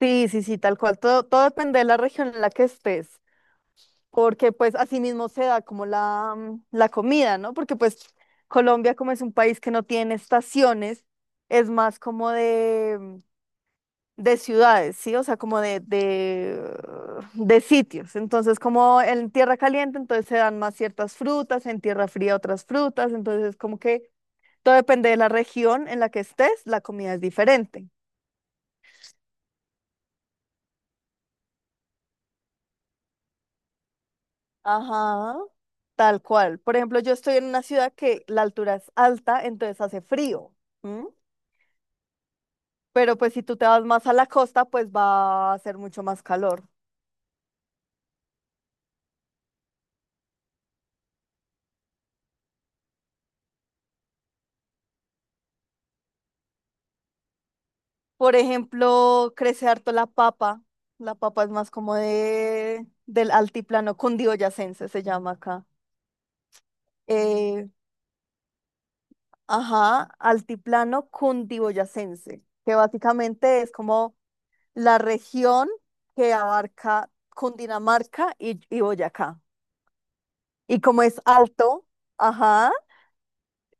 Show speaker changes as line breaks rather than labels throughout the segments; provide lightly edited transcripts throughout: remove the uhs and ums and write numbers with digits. Sí, sí, sí, tal cual. Todo depende de la región en la que estés, porque pues así mismo se da como la comida, ¿no? Porque pues Colombia como es un país que no tiene estaciones, es más como de ciudades, ¿sí? O sea, como de sitios. Entonces, como en tierra caliente, entonces se dan más ciertas frutas, en tierra fría otras frutas, entonces como que todo depende de la región en la que estés, la comida es diferente. Ajá, tal cual. Por ejemplo, yo estoy en una ciudad que la altura es alta, entonces hace frío. ¿M? Pero pues si tú te vas más a la costa, pues va a hacer mucho más calor. Por ejemplo, crece harto la papa. La papa es más como de del altiplano cundiboyacense, se llama acá. Eh, ajá, altiplano cundiboyacense, que básicamente es como la región que abarca Cundinamarca y Boyacá. Y como es alto, ajá,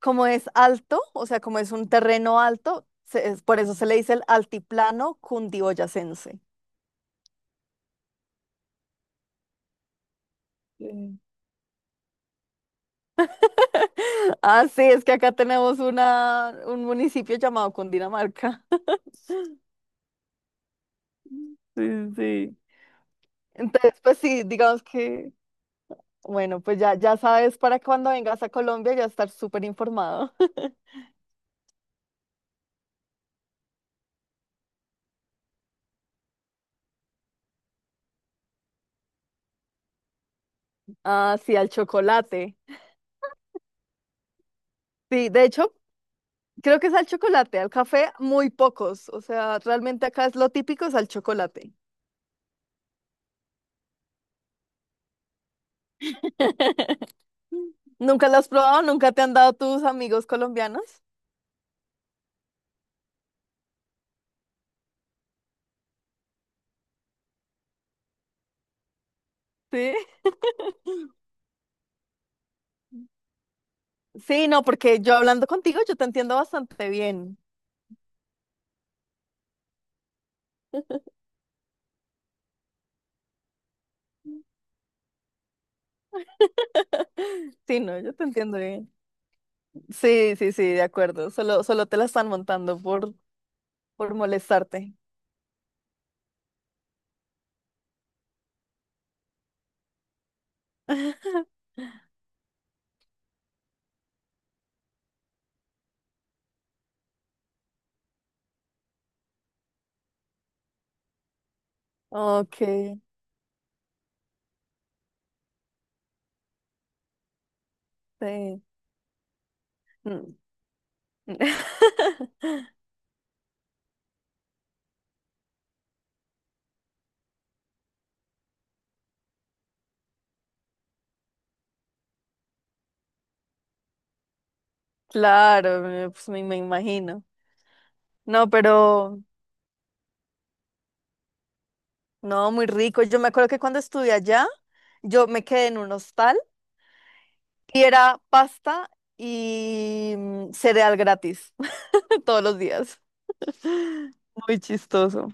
como es alto, o sea, como es un terreno alto, por eso se le dice el altiplano cundiboyacense. Sí. Ah, sí, es que acá tenemos un municipio llamado Cundinamarca. Sí, sí. Entonces, pues sí, digamos que, bueno, pues ya sabes para cuando vengas a Colombia ya estar súper informado. Ah, sí, al chocolate. Sí, de hecho, creo que es al chocolate, al café muy pocos. O sea, realmente acá es lo típico, es al chocolate. ¿Nunca lo has probado? ¿Nunca te han dado tus amigos colombianos? Sí. Sí, no, porque yo hablando contigo, yo te entiendo bastante bien. Sí, no, yo te entiendo bien. Sí, sí, sí, de acuerdo. Solo te la están montando por molestarte. Ok, sí. Mm. Claro, pues me imagino. No, pero no, muy rico. Yo me acuerdo que cuando estudié allá, yo me quedé en un hostal y era pasta y cereal gratis todos los días. Muy chistoso.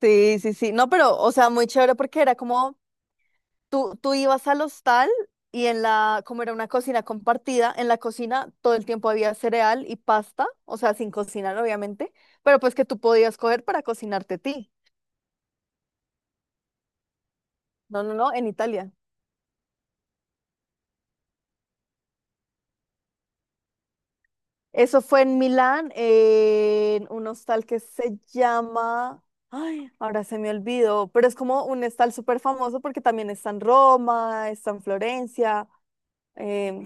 Sí, sí, sí. No, pero, o sea, muy chévere porque era como tú ibas al hostal y en la, como era una cocina compartida, en la cocina todo el tiempo había cereal y pasta, o sea, sin cocinar, obviamente, pero pues que tú podías coger para cocinarte a ti. No, no, no, en Italia. Eso fue en Milán, en un hostal que se llama... Ay, ahora se me olvidó, pero es como un hostal súper famoso porque también está en Roma, está en Florencia. em,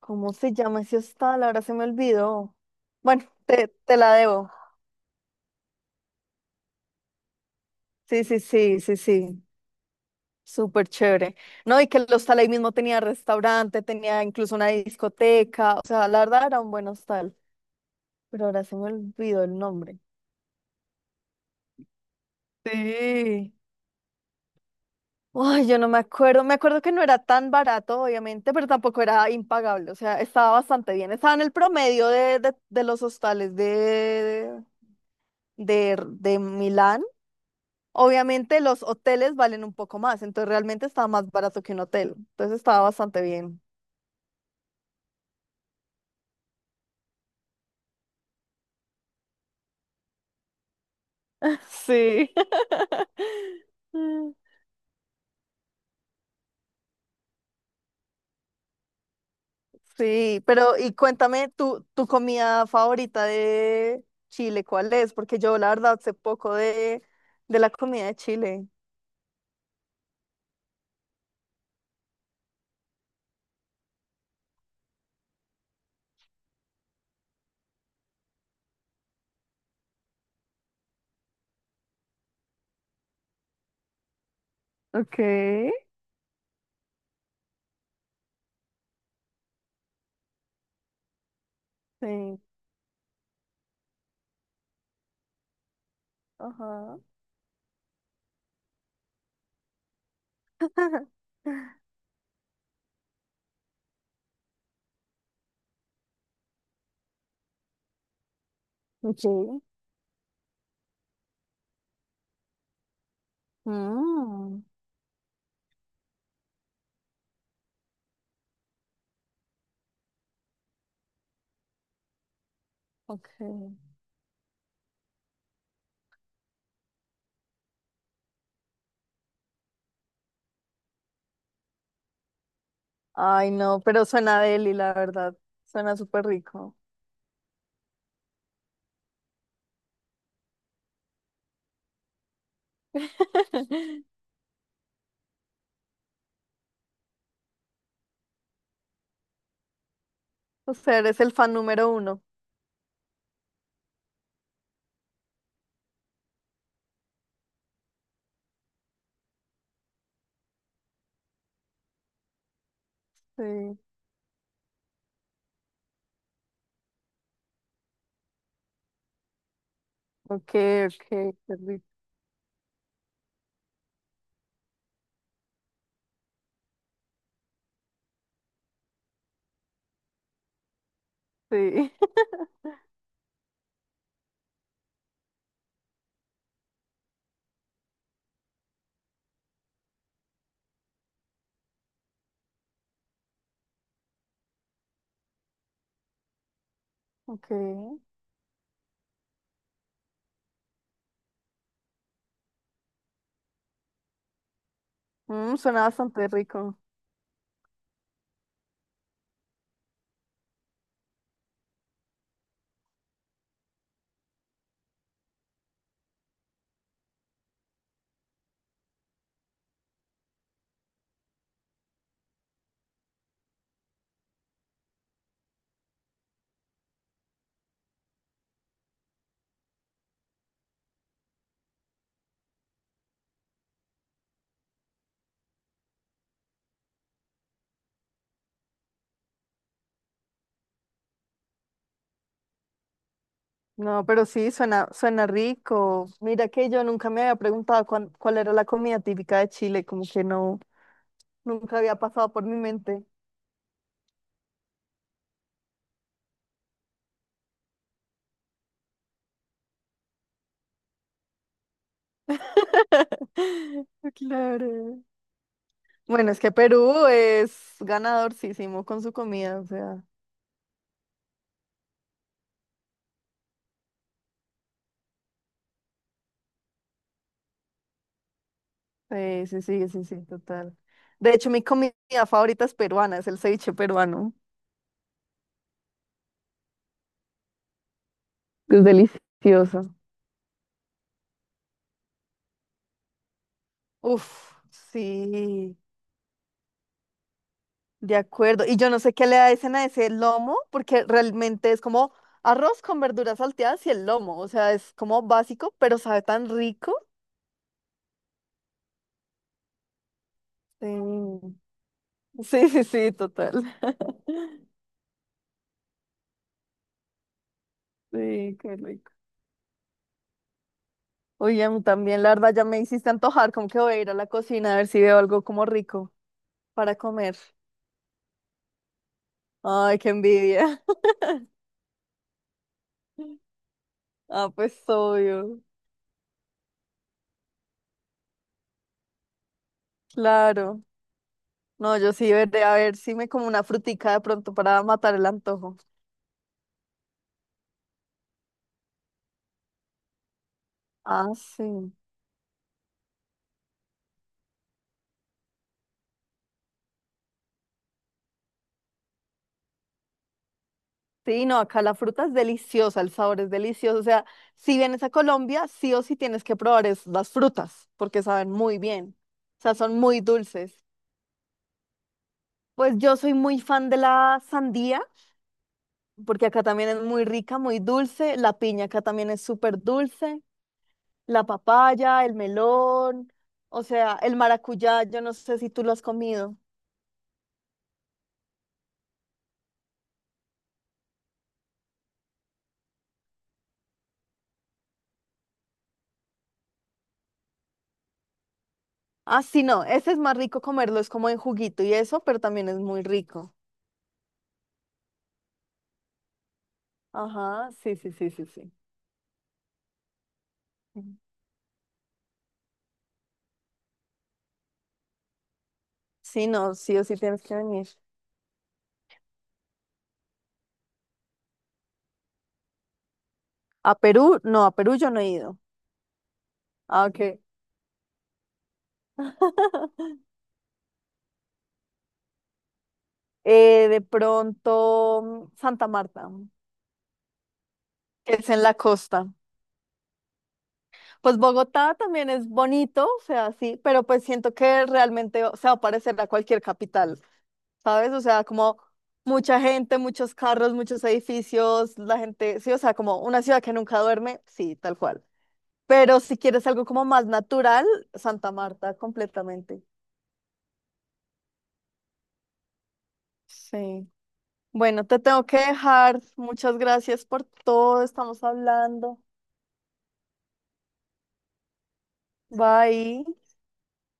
¿Cómo se llama ese hostal? Ahora se me olvidó. Bueno, te la debo. Sí, sí, sí, sí, sí. Súper chévere. No, y que el hostal ahí mismo tenía restaurante, tenía incluso una discoteca. O sea, la verdad era un buen hostal, pero ahora se me olvidó el nombre. Sí. Ay, yo no me acuerdo. Me acuerdo que no era tan barato, obviamente, pero tampoco era impagable. O sea, estaba bastante bien. Estaba en el promedio de los hostales de Milán. Obviamente, los hoteles valen un poco más, entonces realmente estaba más barato que un hotel. Entonces estaba bastante bien. Sí. Sí, pero y cuéntame tu comida favorita de Chile, ¿cuál es? Porque yo la verdad sé poco de la comida de Chile. Ok. Sí. Ajá. Sí. Mm, ok. Ay, no, pero suena deli, la verdad. Suena súper rico. O sea, eres el fan número uno. Sí. Ok, ok, qué rico. Sí. Ok. Mm, suena bastante rico. No, pero sí, suena, suena rico. Mira que yo nunca me había preguntado cuál era la comida típica de Chile, como que no, nunca había pasado por mi mente. Claro. Bueno, es que Perú es ganadorcísimo con su comida, o sea, sí, sí, sí, sí, sí, total. De hecho, mi comida favorita es peruana, es el ceviche peruano. Es delicioso. Uf, sí, de acuerdo. Y yo no sé qué le hacen a ese lomo, porque realmente es como arroz con verduras salteadas y el lomo, o sea, es como básico, pero sabe tan rico. Sí, sí, sí, sí, total. Sí, qué rico. Oye, a mí también, la verdad, ya me hiciste antojar, como que voy a ir a la cocina a ver si veo algo como rico para comer. Ay, qué envidia. Ah, pues obvio, claro. No, yo sí veré a ver si me como una frutica de pronto para matar el antojo. Ah, sí. Sí, no, acá la fruta es deliciosa, el sabor es delicioso. O sea, si vienes a Colombia, sí o sí tienes que probar es, las frutas, porque saben muy bien. O sea, son muy dulces. Pues yo soy muy fan de la sandía. Porque acá también es muy rica, muy dulce. La piña acá también es súper dulce. La papaya, el melón, o sea, el maracuyá, yo no sé si tú lo has comido. Ah, sí, no, ese es más rico comerlo, es como en juguito y eso, pero también es muy rico. Ajá, sí, sí, sí, sí, sí. Ujú. Sí, no, sí o sí tienes que venir. A Perú, no, a Perú yo no he ido. Ah, ok. De pronto, mm, Santa Marta, que es en la costa. Pues Bogotá también es bonito, o sea, sí, pero pues siento que realmente, o sea, va a parecer a cualquier capital, ¿sabes? O sea, como mucha gente, muchos carros, muchos edificios, la gente, sí, o sea, como una ciudad que nunca duerme, sí, tal cual. Pero si quieres algo como más natural, Santa Marta, completamente. Sí. Bueno, te tengo que dejar. Muchas gracias por todo, estamos hablando. Bye.